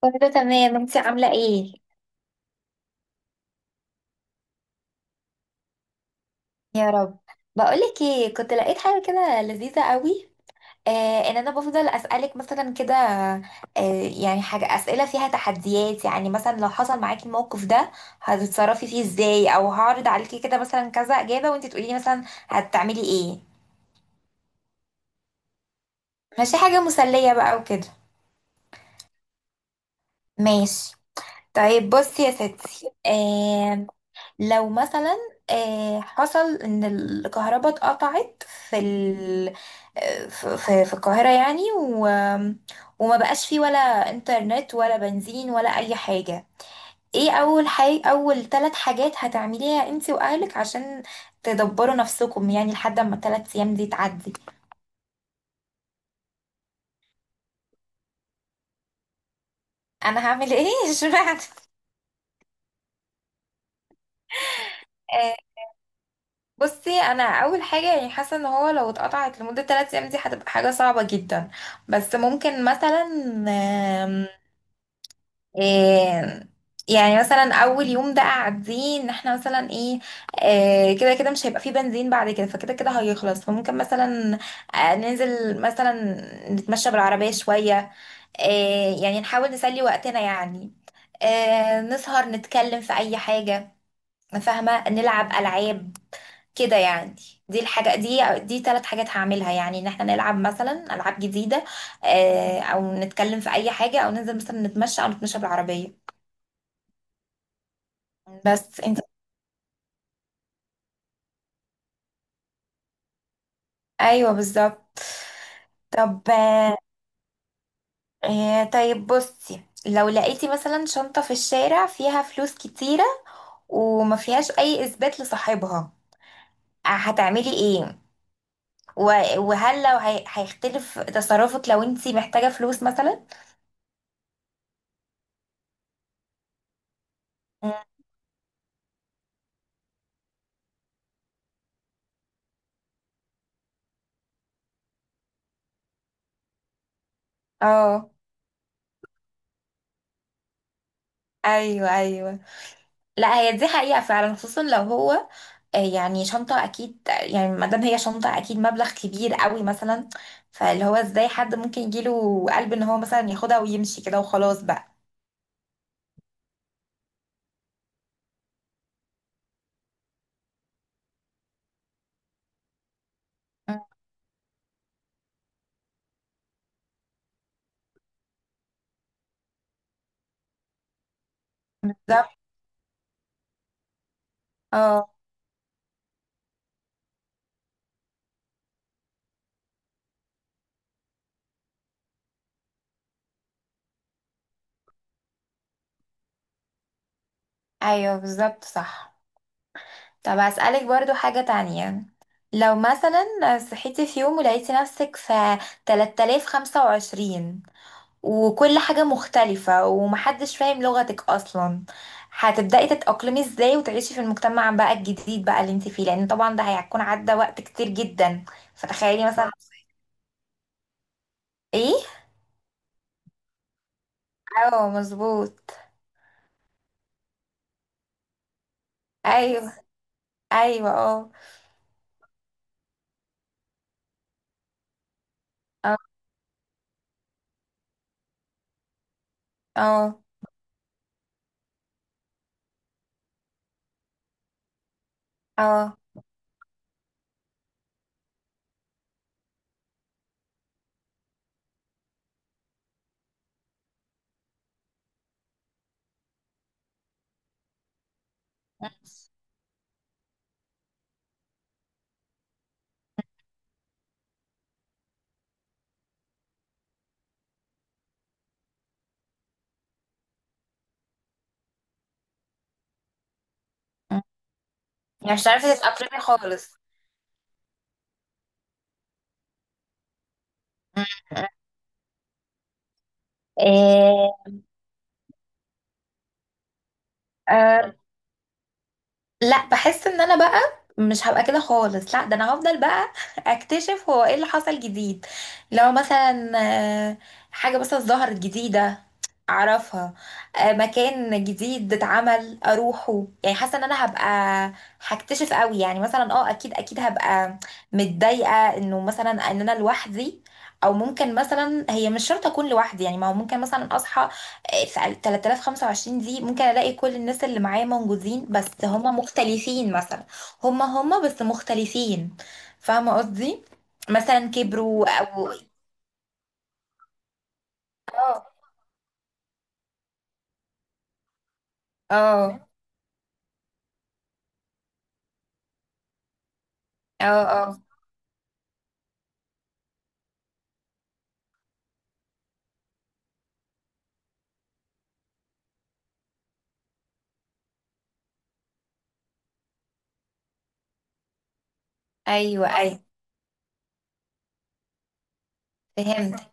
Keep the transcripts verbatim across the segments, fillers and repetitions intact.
كله تمام انت عاملة ايه؟ يا رب. بقولك ايه، كنت لقيت حاجة كده لذيذة قوي. آه ان انا بفضل اسألك مثلا كده. آه يعني حاجة، اسئلة فيها تحديات، يعني مثلا لو حصل معاكي الموقف ده هتتصرفي فيه ازاي، او هعرض عليكي كده مثلا كذا اجابة وانت تقولي لي مثلا هتعملي ايه. ماشي، حاجة مسلية بقى وكده. ماشي. طيب بصي يا ستي، آم، لو مثلا آه، حصل ان الكهرباء اتقطعت في ال... آه، في في في القاهرة يعني، و... وما بقاش فيه ولا انترنت ولا بنزين ولا اي حاجة. ايه اول حاجة، اول ثلاث حاجات هتعمليها انتي واهلك عشان تدبروا نفسكم يعني لحد ما الثلاث ايام دي تعدي؟ انا هعمل ايه اشمعنى. آه، بصي، انا اول حاجه يعني حاسه ان هو لو اتقطعت لمده تلات ايام دي هتبقى حاجه صعبه جدا، بس ممكن مثلا إيه، يعني مثلا اول يوم ده قاعدين ان احنا مثلا ايه، إيه، كده كده مش هيبقى فيه بنزين بعد كده، فكده كده هيخلص، فممكن مثلا آه، ننزل مثلا نتمشى بالعربية شوية. إيه يعني نحاول نسلي وقتنا يعني، إيه، نسهر نتكلم في اي حاجة، فاهمة، نلعب العاب كده يعني. دي الحاجة، دي دي ثلاث حاجات هعملها، يعني ان احنا نلعب مثلا العاب جديدة، آه، او نتكلم في اي حاجة، او ننزل مثلا نتمشى، او نتمشى بالعربية. بس انت، ايوه بالظبط. طب آه، آه، طيب بصي، لو لقيتي مثلا شنطة في الشارع فيها فلوس كتيرة وما فيهاش اي اثبات لصاحبها، آه، هتعملي ايه؟ و- وهل لو هي- هيختلف تصرفك لو انت محتاجة فلوس مثلا؟ مم. اه، ايوه ايوه، لا هي دي حقيقة فعلا، خصوصا لو هو آه، يعني شنطة، أكيد يعني ما دام هي شنطة أكيد مبلغ كبير قوي مثلا، فاللي هو ازاي حد ممكن يجيله قلب إن هو مثلا ياخدها ويمشي كده وخلاص بقى. مم، بالظبط بالظبط. اه، أيوه بالظبط صح. طب هسألك برضو حاجة تانية، لو مثلا صحيتي في يوم ولقيتي نفسك في ثلاثة آلاف وخمسة وعشرين وكل حاجة مختلفة ومحدش فاهم لغتك أصلا، هتبدأي تتأقلمي ازاي وتعيشي في المجتمع بقى الجديد بقى اللي انت فيه؟ لأن طبعا ده هيكون عدى وقت كتير جدا. فتخيلي مثلا ايه. اه مظبوط. ايوه ايوه. اه اه اه اه. مم. يعني مش هتعرفي تتأقلمي خالص. مم. إيه. آه، لا بحس ان انا بقى مش هبقى كده خالص، لا ده انا هفضل بقى اكتشف هو ايه اللي حصل جديد. لو مثلا آه، حاجة مثلا ظهرت جديدة اعرفها، آه، مكان جديد اتعمل اروحه، يعني حاسه ان انا هبقى هكتشف قوي، يعني مثلا اه اكيد اكيد هبقى متضايقه انه مثلا ان انا لوحدي، او ممكن مثلا هي مش شرط اكون لوحدي، يعني ما هو ممكن مثلا اصحى آه، في ثلاثة آلاف وخمسة وعشرين دي ممكن الاقي كل الناس اللي معايا موجودين بس هما مختلفين مثلا، هما هما بس مختلفين، فاهمه قصدي، مثلا كبروا او. اه اه اه اه. ايوه ايوه. فهمت.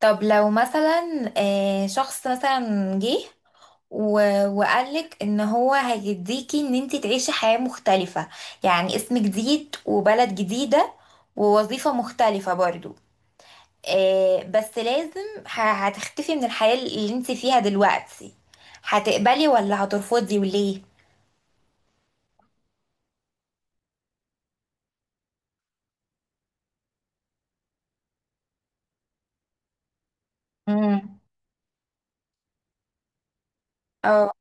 طب لو مثلا آه، شخص مثلا جه و- وقالك ان هو هيديكي ان انت تعيشي حياة مختلفة، يعني اسم جديد وبلد جديدة ووظيفة مختلفة برضو، آه، بس لازم ه- هتختفي من الحياة اللي انت فيها دلوقتي. هتقبلي ولا هترفضي وليه؟ امم. اه.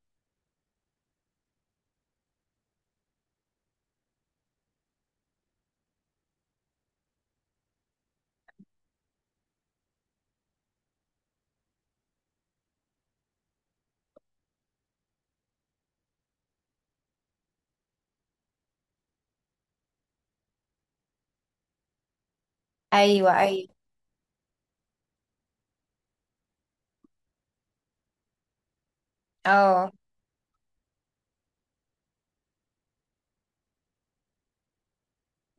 ايوه ايوه. اه.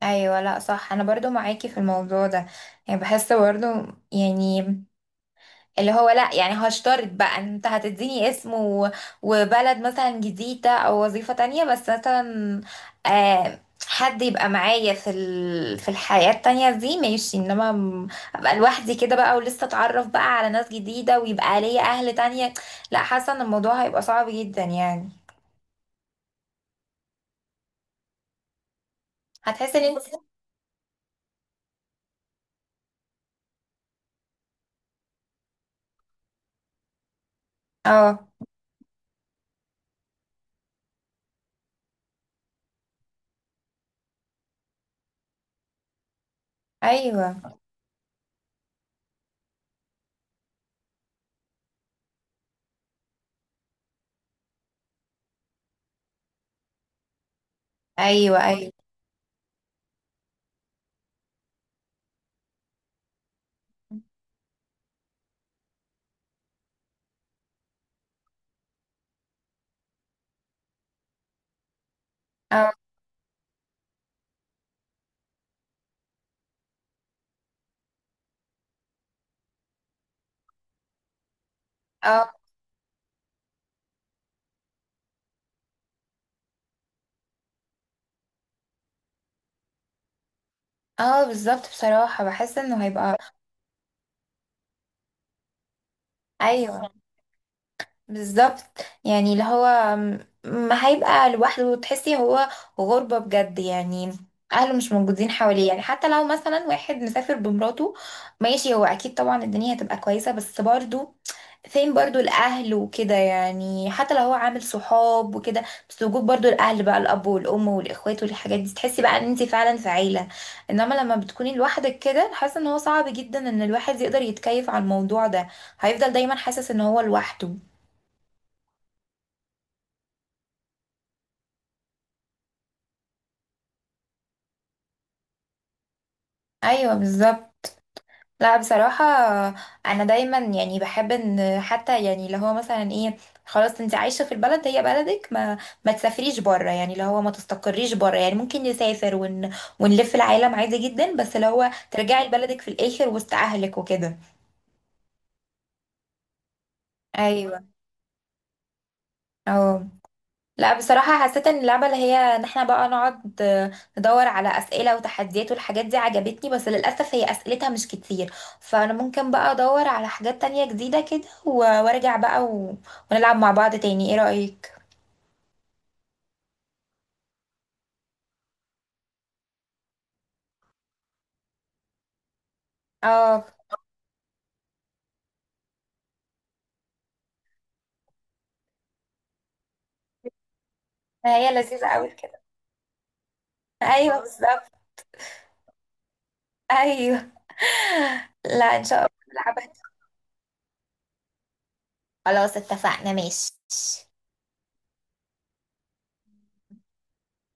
ايوه، لا صح، انا برضو معاكي في الموضوع ده. يعني بحس برضو يعني اللي هو لا، يعني هشترط بقى ان انت هتديني اسم و... وبلد مثلا جديدة او وظيفة تانية، بس مثلا آه، حد يبقى معايا في ال... في الحياة التانية دي ماشي، انما م- ابقى لوحدي كده بقى ولسه اتعرف بقى على ناس جديدة ويبقى ليا اهل تانية، لا، حاسة ان الموضوع هيبقى صعب جدا يعني. هتحس ان انت. اه. ايوه ايوه ايوه. اه اه اه. بالظبط، بصراحة بحس انه هيبقى. ايوه بالظبط. يعني اللي هو م- ما هيبقى لوحده، وتحسي هو غربة بجد يعني، أهله مش موجودين حواليه. يعني حتى لو مثلا واحد مسافر بمراته ماشي، هو أكيد طبعا الدنيا هتبقى كويسة، بس برضو فين برضو الأهل وكده؟ يعني حتى لو هو عامل صحاب وكده، بس وجود برضو الأهل بقى، الأب والأم والإخوات والحاجات دي، تحسي بقى إن أنت فعلا في عيلة. إنما لما بتكوني لوحدك كده، حاسة إن هو صعب جدا إن الواحد يقدر يتكيف على الموضوع ده، هيفضل دايما حاسس إن هو لوحده. ايوه بالظبط. لا بصراحة انا دايما يعني بحب ان حتى يعني اللي هو مثلا ايه، خلاص انت عايشة في البلد، هي بلدك، ما ما تسافريش بره، يعني اللي هو ما تستقريش بره. يعني ممكن نسافر ون... ونلف العالم عادي جدا، بس اللي هو ترجعي لبلدك في الاخر وسط اهلك وكده. ايوه. اه. لا بصراحة حسيت ان اللعبة اللي هي ان احنا بقى نقعد آه، ندور على اسئلة وتحديات والحاجات دي عجبتني، بس للأسف هي اسئلتها مش كتير، فانا ممكن بقى ادور على حاجات تانية جديدة كده و- وارجع بقى و... ونلعب مع بعض تاني، ايه رأيك؟ اه هي لذيذة قوي كده. ايوه بالظبط. ايوه. لا ان شاء الله نلعبها. خلاص اتفقنا ماشي.